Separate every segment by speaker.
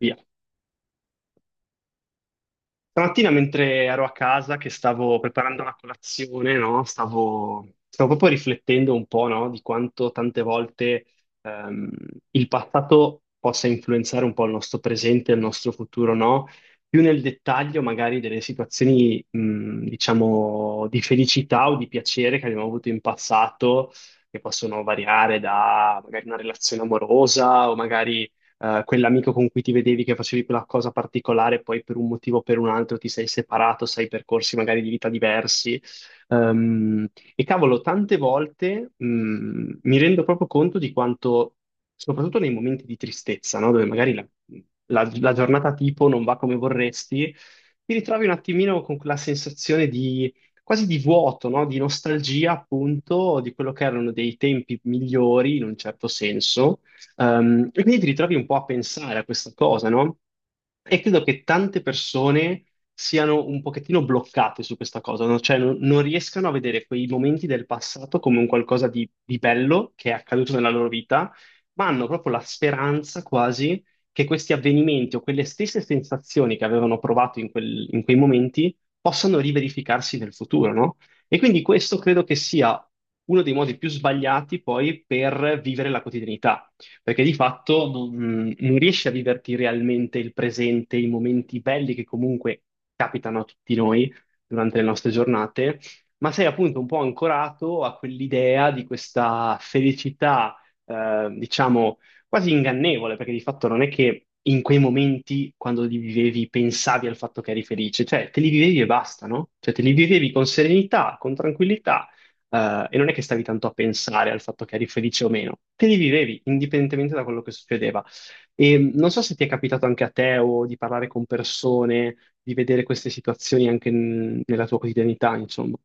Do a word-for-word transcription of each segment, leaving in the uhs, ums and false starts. Speaker 1: Via. Stamattina mentre ero a casa, che stavo preparando la colazione, no? Stavo, stavo proprio riflettendo un po', no? Di quanto tante volte ehm, il passato possa influenzare un po' il nostro presente e il nostro futuro, no? Più nel dettaglio magari delle situazioni, mh, diciamo, di felicità o di piacere che abbiamo avuto in passato, che possono variare da magari una relazione amorosa o magari eh, quell'amico con cui ti vedevi, che facevi quella cosa particolare, poi per un motivo o per un altro ti sei separato, sei percorsi magari di vita diversi. Ehm, e cavolo, tante volte, mh, mi rendo proprio conto di quanto, soprattutto nei momenti di tristezza, no? Dove magari la, la- la giornata tipo non va come vorresti, ti ritrovi un attimino con quella sensazione di quasi di vuoto, no? Di nostalgia, appunto, di quello che erano dei tempi migliori in un certo senso. Ehm, e quindi ti ritrovi un po' a pensare a questa cosa, no? E credo che tante persone siano un pochettino bloccate su questa cosa, no? Cioè non, non riescano a vedere quei momenti del passato come un qualcosa di, di bello che è accaduto nella loro vita, ma hanno proprio la speranza quasi che questi avvenimenti o quelle stesse sensazioni che avevano provato in quel- in quei momenti possano riverificarsi nel futuro, no? E quindi questo credo che sia uno dei modi più sbagliati poi per vivere la quotidianità, perché di fatto non, non riesci a viverti realmente il presente, i momenti belli che comunque capitano a tutti noi durante le nostre giornate, ma sei appunto un po' ancorato a quell'idea di questa felicità, eh, diciamo, quasi ingannevole, perché di fatto non è che in quei momenti, quando li vivevi, pensavi al fatto che eri felice, cioè te li vivevi e basta, no? Cioè te li vivevi con serenità, con tranquillità, eh, e non è che stavi tanto a pensare al fatto che eri felice o meno, te li vivevi indipendentemente da quello che succedeva. E mh, non so se ti è capitato anche a te o di parlare con persone, di vedere queste situazioni anche n- nella tua quotidianità, insomma.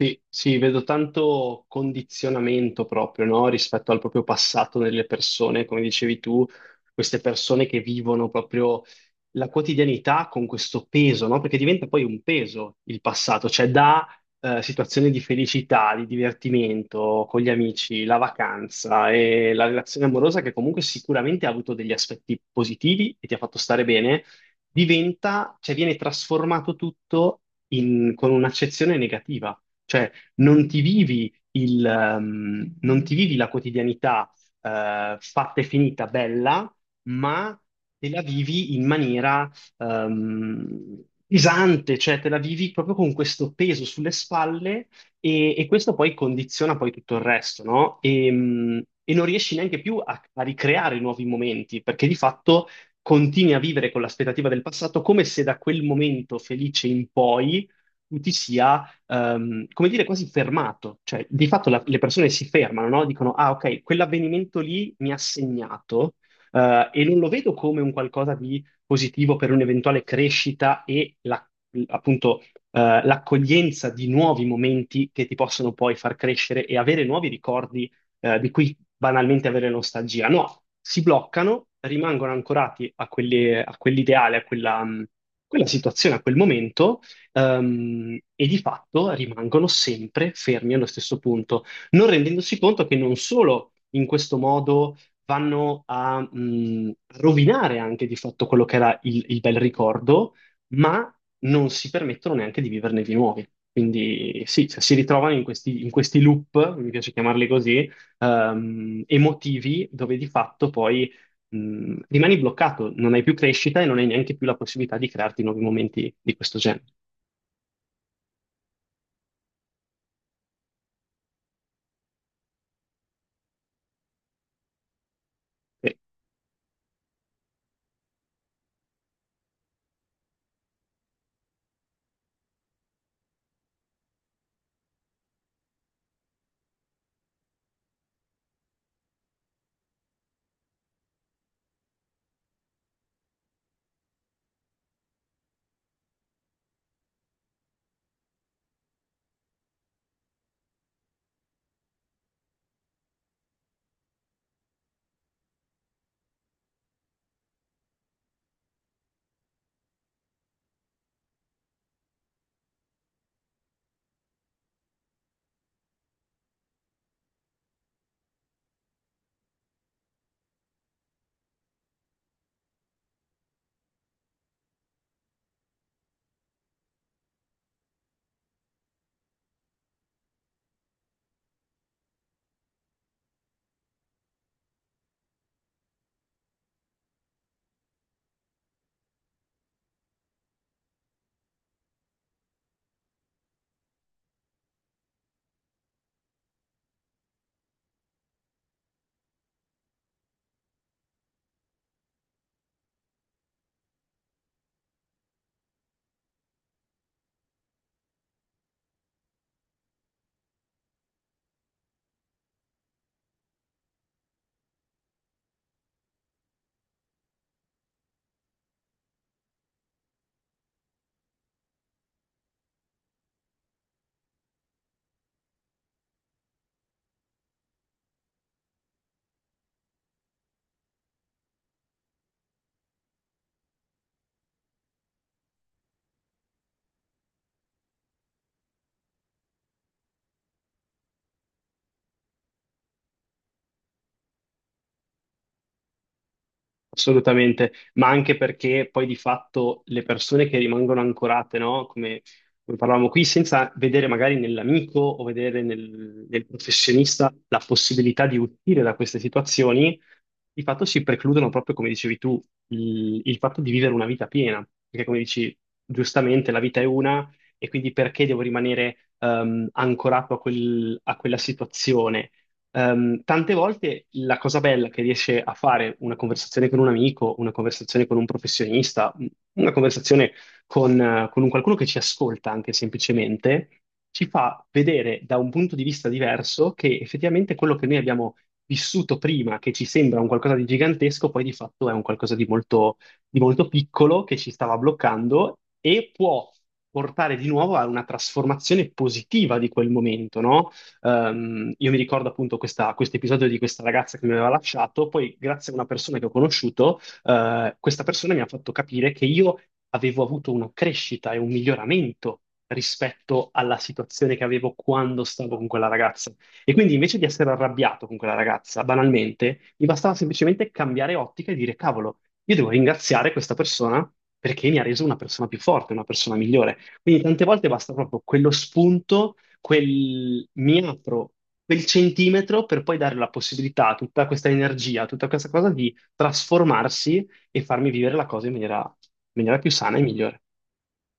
Speaker 1: Sì, sì, vedo tanto condizionamento proprio, no? Rispetto al proprio passato nelle persone, come dicevi tu, queste persone che vivono proprio la quotidianità con questo peso, no? Perché diventa poi un peso il passato, cioè da eh, situazioni di felicità, di divertimento con gli amici, la vacanza e la relazione amorosa che comunque sicuramente ha avuto degli aspetti positivi e ti ha fatto stare bene, diventa, cioè viene trasformato tutto in- con un'accezione negativa, cioè non ti vivi il, ehm, non ti vivi la quotidianità, eh, fatta e finita, bella, ma te la vivi in maniera, ehm, pesante, cioè te la vivi proprio con questo peso sulle spalle. E, e questo poi condiziona poi tutto il resto, no? E, mh, e non riesci neanche più a, a ricreare nuovi momenti, perché di fatto continui a vivere con l'aspettativa del passato come se da quel momento felice in poi tu ti sia, ehm, come dire, quasi fermato. Cioè, di fatto la- le persone si fermano, no? Dicono, ah, ok, quell'avvenimento lì mi ha segnato, eh, e non lo vedo come un qualcosa di positivo per un'eventuale crescita e la- appunto, eh, l'accoglienza di nuovi momenti che ti possono poi far crescere e avere nuovi ricordi, eh, di cui banalmente avere nostalgia. No, si bloccano, rimangono ancorati a quelle- a quell'ideale, a quella, mh, quella situazione, a quel momento, ehm, e di fatto rimangono sempre fermi allo stesso punto, non rendendosi conto che non solo in questo modo vanno a mh, rovinare anche di fatto quello che era il, il bel ricordo, ma non si permettono neanche di viverne di nuovi. Quindi sì, cioè, si ritrovano in questi, in questi loop, mi piace chiamarli così, ehm, emotivi, dove di fatto poi mh, rimani bloccato, non hai più crescita e non hai neanche più la possibilità di crearti nuovi momenti di questo genere. E assolutamente, ma anche perché poi di fatto le persone che rimangono ancorate, no? Come, come parlavamo qui, senza vedere magari nell'amico o vedere nel, nel professionista la possibilità di uscire da queste situazioni, di fatto si precludono proprio, come dicevi tu, il, il fatto di vivere una vita piena, perché come dici giustamente la vita è una, e quindi perché devo rimanere ehm, ancorato a quel- a quella situazione? Ehm, tante volte la cosa bella che riesce a fare una conversazione con un amico, una conversazione con un professionista, un- una conversazione con, eh, con un qualcuno che ci ascolta anche semplicemente, ci fa vedere da un punto di vista diverso che effettivamente quello che noi abbiamo vissuto prima, che ci sembra un qualcosa di gigantesco, poi di fatto è un qualcosa di molto, di molto piccolo che ci stava bloccando, e può portare di nuovo a una trasformazione positiva di quel momento, no? Ehm, io mi ricordo appunto questa- questo episodio di questa ragazza che mi aveva lasciato, poi grazie a una persona che ho conosciuto, eh, questa persona mi ha fatto capire che io avevo avuto una crescita e un miglioramento rispetto alla situazione che avevo quando stavo con quella ragazza. E quindi invece di essere arrabbiato con quella ragazza, banalmente, mi bastava semplicemente cambiare ottica e dire, cavolo, io devo ringraziare questa persona perché mi ha reso una persona più forte, una persona migliore. Quindi tante volte basta proprio quello spunto, quel, mi apro quel centimetro, per poi dare la possibilità a tutta questa energia, a tutta questa cosa di trasformarsi e farmi vivere la cosa in maniera, in maniera più sana e migliore.